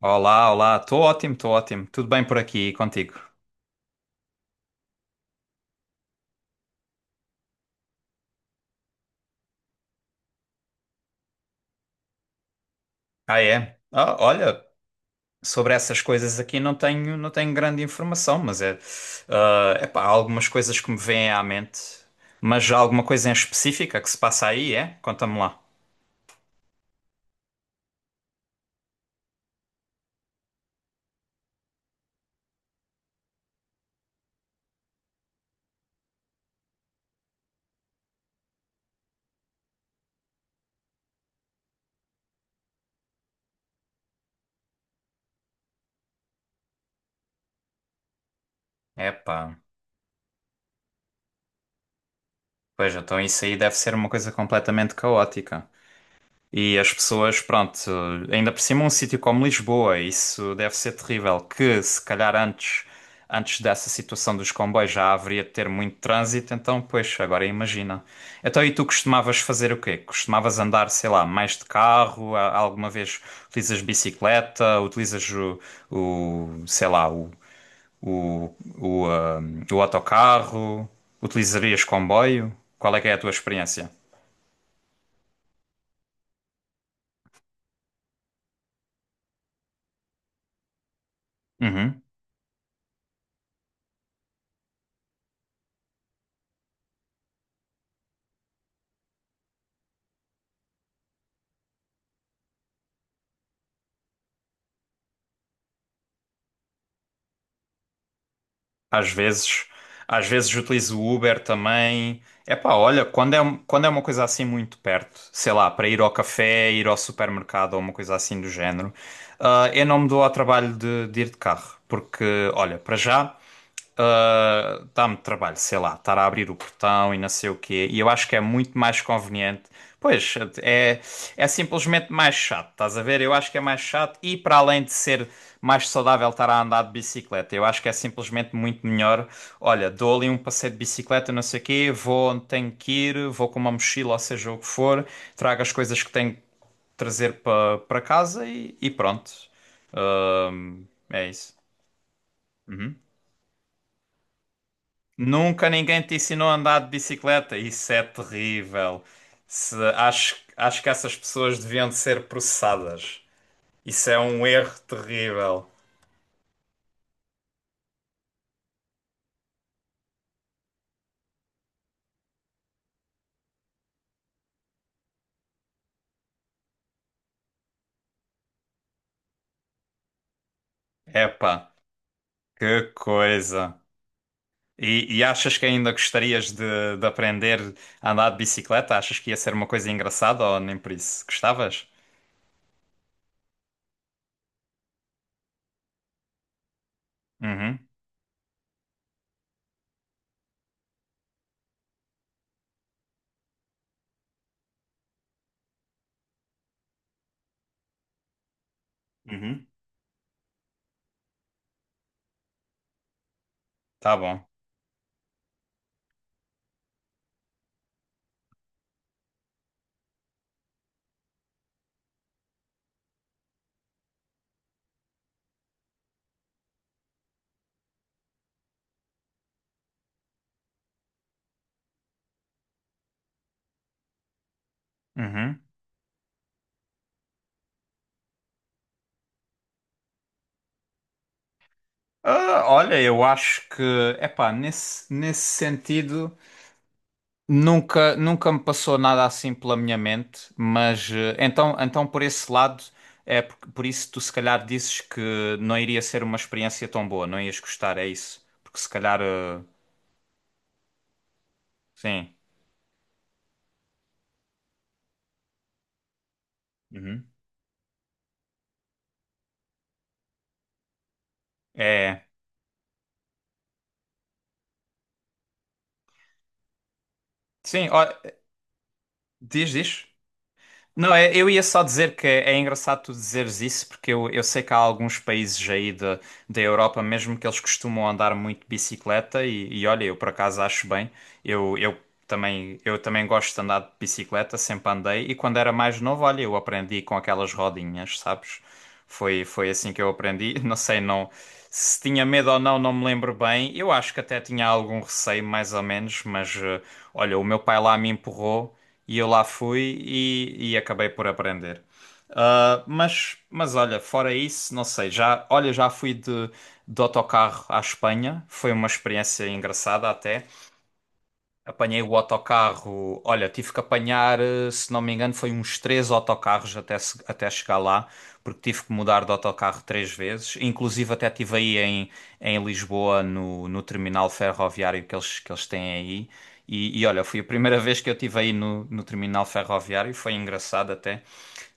Olá, olá, estou ótimo, estou ótimo. Tudo bem por aqui e contigo? Ah, é? Ah, olha, sobre essas coisas aqui não tenho grande informação, mas é, há algumas coisas que me vêm à mente. Mas há alguma coisa em específica que se passa aí, é? Conta-me lá. Epá, pois então isso aí deve ser uma coisa completamente caótica. E as pessoas, pronto, ainda por cima um sítio como Lisboa, isso deve ser terrível, que se calhar antes dessa situação dos comboios já haveria de ter muito trânsito, então, pois, agora imagina. Então, e tu costumavas fazer o quê? Costumavas andar, sei lá, mais de carro? Alguma vez utilizas bicicleta? Utilizas o sei lá, o, ah, o autocarro? Utilizarias comboio? Qual é que é a tua experiência? Uhum. Às vezes, às vezes utilizo o Uber também. Epá, olha, quando é uma coisa assim muito perto, sei lá, para ir ao café, ir ao supermercado ou uma coisa assim do género, eu não me dou ao trabalho de ir de carro, porque, olha, para já, dá-me trabalho, sei lá, estar a abrir o portão e não sei o quê, e eu acho que é muito mais conveniente. Pois, é, é simplesmente mais chato, estás a ver? Eu acho que é mais chato e, para além de ser mais saudável estar a andar de bicicleta, eu acho que é simplesmente muito melhor. Olha, dou ali um passeio de bicicleta, não sei o quê, vou onde tenho que ir, vou com uma mochila, ou seja o que for, trago as coisas que tenho que trazer para casa e pronto. É isso. Nunca ninguém te ensinou a andar de bicicleta. Isso é terrível. Acho que essas pessoas deviam de ser processadas. Isso é um erro terrível. Epá, que coisa. E achas que ainda gostarias de aprender a andar de bicicleta? Achas que ia ser uma coisa engraçada ou nem por isso? Gostavas? Uhum, uhum, tá bom. Uhum. Ah, olha, eu acho que, epá, nesse sentido, nunca me passou nada assim pela minha mente, mas então, então por esse lado, é por isso tu se calhar dizes que não iria ser uma experiência tão boa, não ias gostar, é isso? Porque se calhar, sim. Uhum. É, sim, ó, diz, diz. Não, é- eu ia só dizer que é engraçado tu dizeres isso, porque eu sei que há alguns países aí da da Europa mesmo que eles costumam andar muito de bicicleta e olha, eu por acaso acho bem. Eu, eu eu também gosto de andar de bicicleta, sempre andei, e quando era mais novo, olha, eu aprendi com aquelas rodinhas, sabes? Foi assim que eu aprendi. Não sei, não, se tinha medo ou não, não me lembro bem. Eu acho que até tinha algum receio, mais ou menos, mas olha, o meu pai lá me empurrou e eu lá fui e acabei por aprender. Ah, mas olha, fora isso, não sei, já, olha, já fui de autocarro à Espanha, foi uma experiência engraçada até. Apanhei o autocarro. Olha, tive que apanhar, se não me engano, foi uns três autocarros até, até chegar lá, porque tive que mudar de autocarro três vezes. Inclusive, até estive em Lisboa, no terminal ferroviário que que eles têm aí. E olha, foi a primeira vez que eu estive aí no terminal ferroviário, foi engraçado até.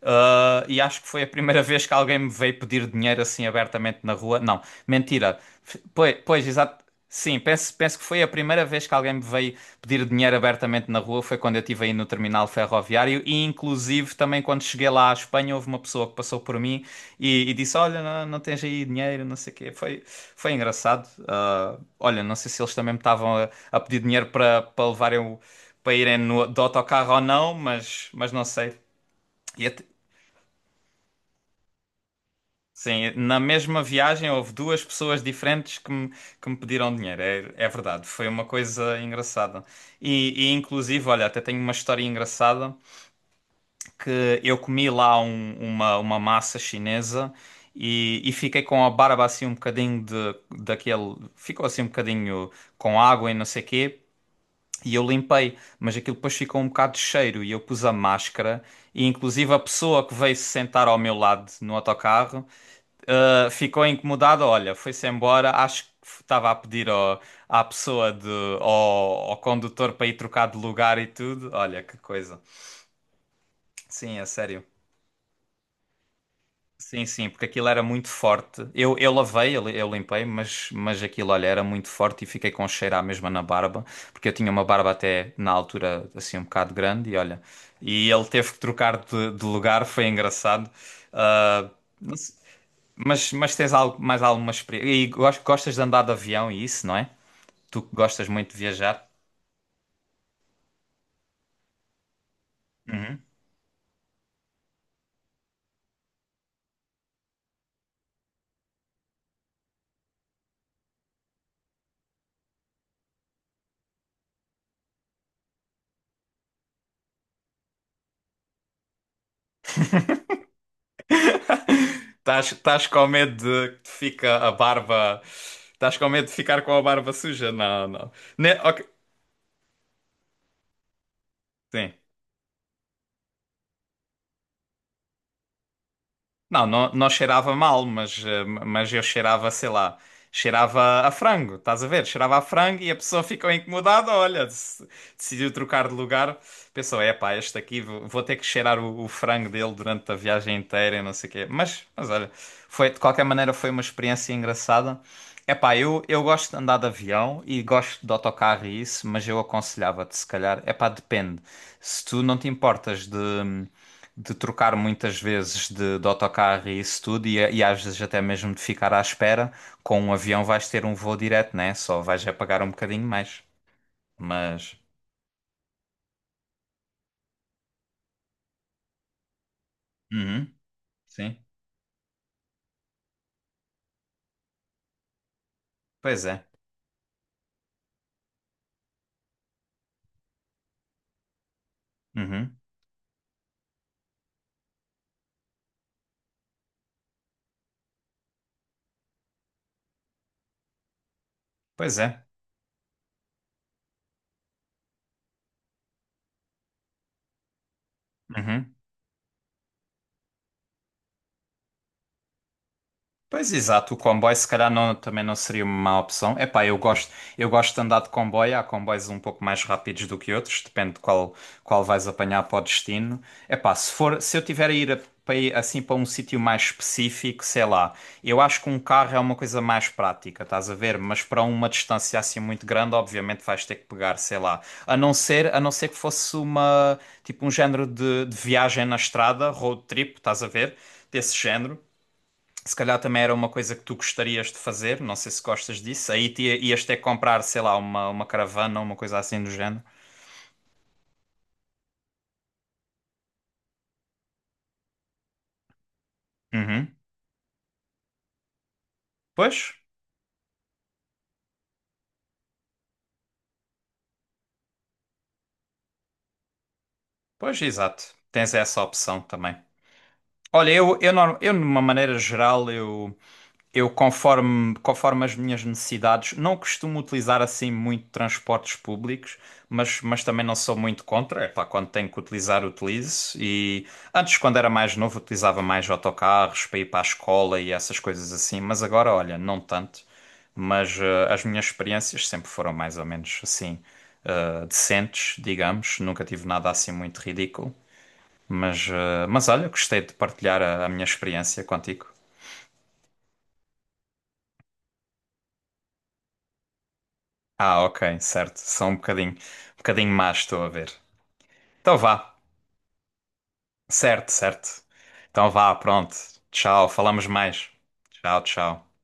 E acho que foi a primeira vez que alguém me veio pedir dinheiro assim abertamente na rua. Não, mentira. Pois, pois exato. Sim, penso, penso que foi a primeira vez que alguém me veio pedir dinheiro abertamente na rua. Foi quando eu estive aí no terminal ferroviário. E inclusive também quando cheguei lá à Espanha, houve uma pessoa que passou por mim e disse: Olha, não tens aí dinheiro, não sei o quê. Foi, foi engraçado. Olha, não sei se eles também me estavam a pedir dinheiro para levarem para irem no, do autocarro ou não, mas não sei. E at- Sim, na mesma viagem houve duas pessoas diferentes que me pediram dinheiro, é, é verdade, foi uma coisa engraçada. E, inclusive, olha, até tenho uma história engraçada que eu comi lá uma massa chinesa e fiquei com a barba assim um bocadinho de, daquele, ficou assim um bocadinho com água e não sei quê. E eu limpei, mas aquilo depois ficou um bocado de cheiro e eu pus a máscara e inclusive a pessoa que veio se sentar ao meu lado no autocarro uh, ficou incomodado, olha, foi-se embora, acho que estava a pedir à pessoa de, ao condutor para ir trocar de lugar e tudo. Olha, que coisa. Sim, é sério. Sim, sim, porque aquilo era muito forte. Eu lavei, eu, li- eu limpei, mas aquilo, olha, era muito forte e fiquei com um cheiro à mesma na barba, porque eu tinha uma barba até na altura assim um bocado grande e olha, e ele teve que trocar de lugar, foi engraçado. Ah, não se- mas tens algo, mais alguma experiência? E gostas de andar de avião e isso, não é? Tu que gostas muito de viajar? Uhum. Estás com medo de que te fica a barba. Estás com medo de ficar com a barba suja? Não, não. Ok, sim. Não, não, não cheirava mal, mas, mas eu cheirava, sei lá. Cheirava a frango, estás a ver? Cheirava a frango e a pessoa ficou incomodada, olha, decidiu trocar de lugar, pensou, é pá, este aqui vou ter que cheirar o frango dele durante a viagem inteira e não sei o quê. Mas olha, foi, de qualquer maneira foi uma experiência engraçada. É pá, eu gosto de andar de avião e gosto de autocarro e isso, mas eu aconselhava-te, se calhar, é pá, depende. Se tu não te importas de trocar muitas vezes de autocarro e isso tudo, e às vezes até mesmo de ficar à espera, com um avião vais ter um voo direto, né? Só vais a pagar um bocadinho mais. Mas. Uhum, sim. Pois é. Uhum, pois é. Uhum. Pois exato, o comboio se calhar também não seria uma má opção. Epá, eu gosto de andar de comboio, há comboios um pouco mais rápidos do que outros, depende qual vais apanhar para o destino. Epá, se for, se eu tiver a ir, a- para ir, assim para um sítio mais específico, sei lá, eu acho que um carro é uma coisa mais prática, estás a ver? Mas para uma distância assim muito grande, obviamente vais ter que pegar, sei lá, a não ser que fosse uma, tipo um género de viagem na estrada, road trip, estás a ver? Desse género. Se calhar também era uma coisa que tu gostarias de fazer, não sei se gostas disso. Aí te, ias ter que comprar, sei lá, uma caravana ou uma coisa assim do género. Uhum. Pois, pois, exato. Tens essa opção também. Olha, de uma maneira geral, conforme as minhas necessidades, não costumo utilizar assim muito transportes públicos, mas também não sou muito contra. Epá, quando tenho que utilizar, utilizo. E antes, quando era mais novo, utilizava mais autocarros para ir para a escola e essas coisas assim, mas agora, olha, não tanto. Mas as minhas experiências sempre foram mais ou menos assim, decentes, digamos. Nunca tive nada assim muito ridículo. Mas, mas olha, gostei de partilhar a minha experiência contigo. Ah, ok, certo. São um bocadinho más, estou a ver. Então vá. Certo, certo. Então vá, pronto. Tchau, falamos mais. Tchau, tchau.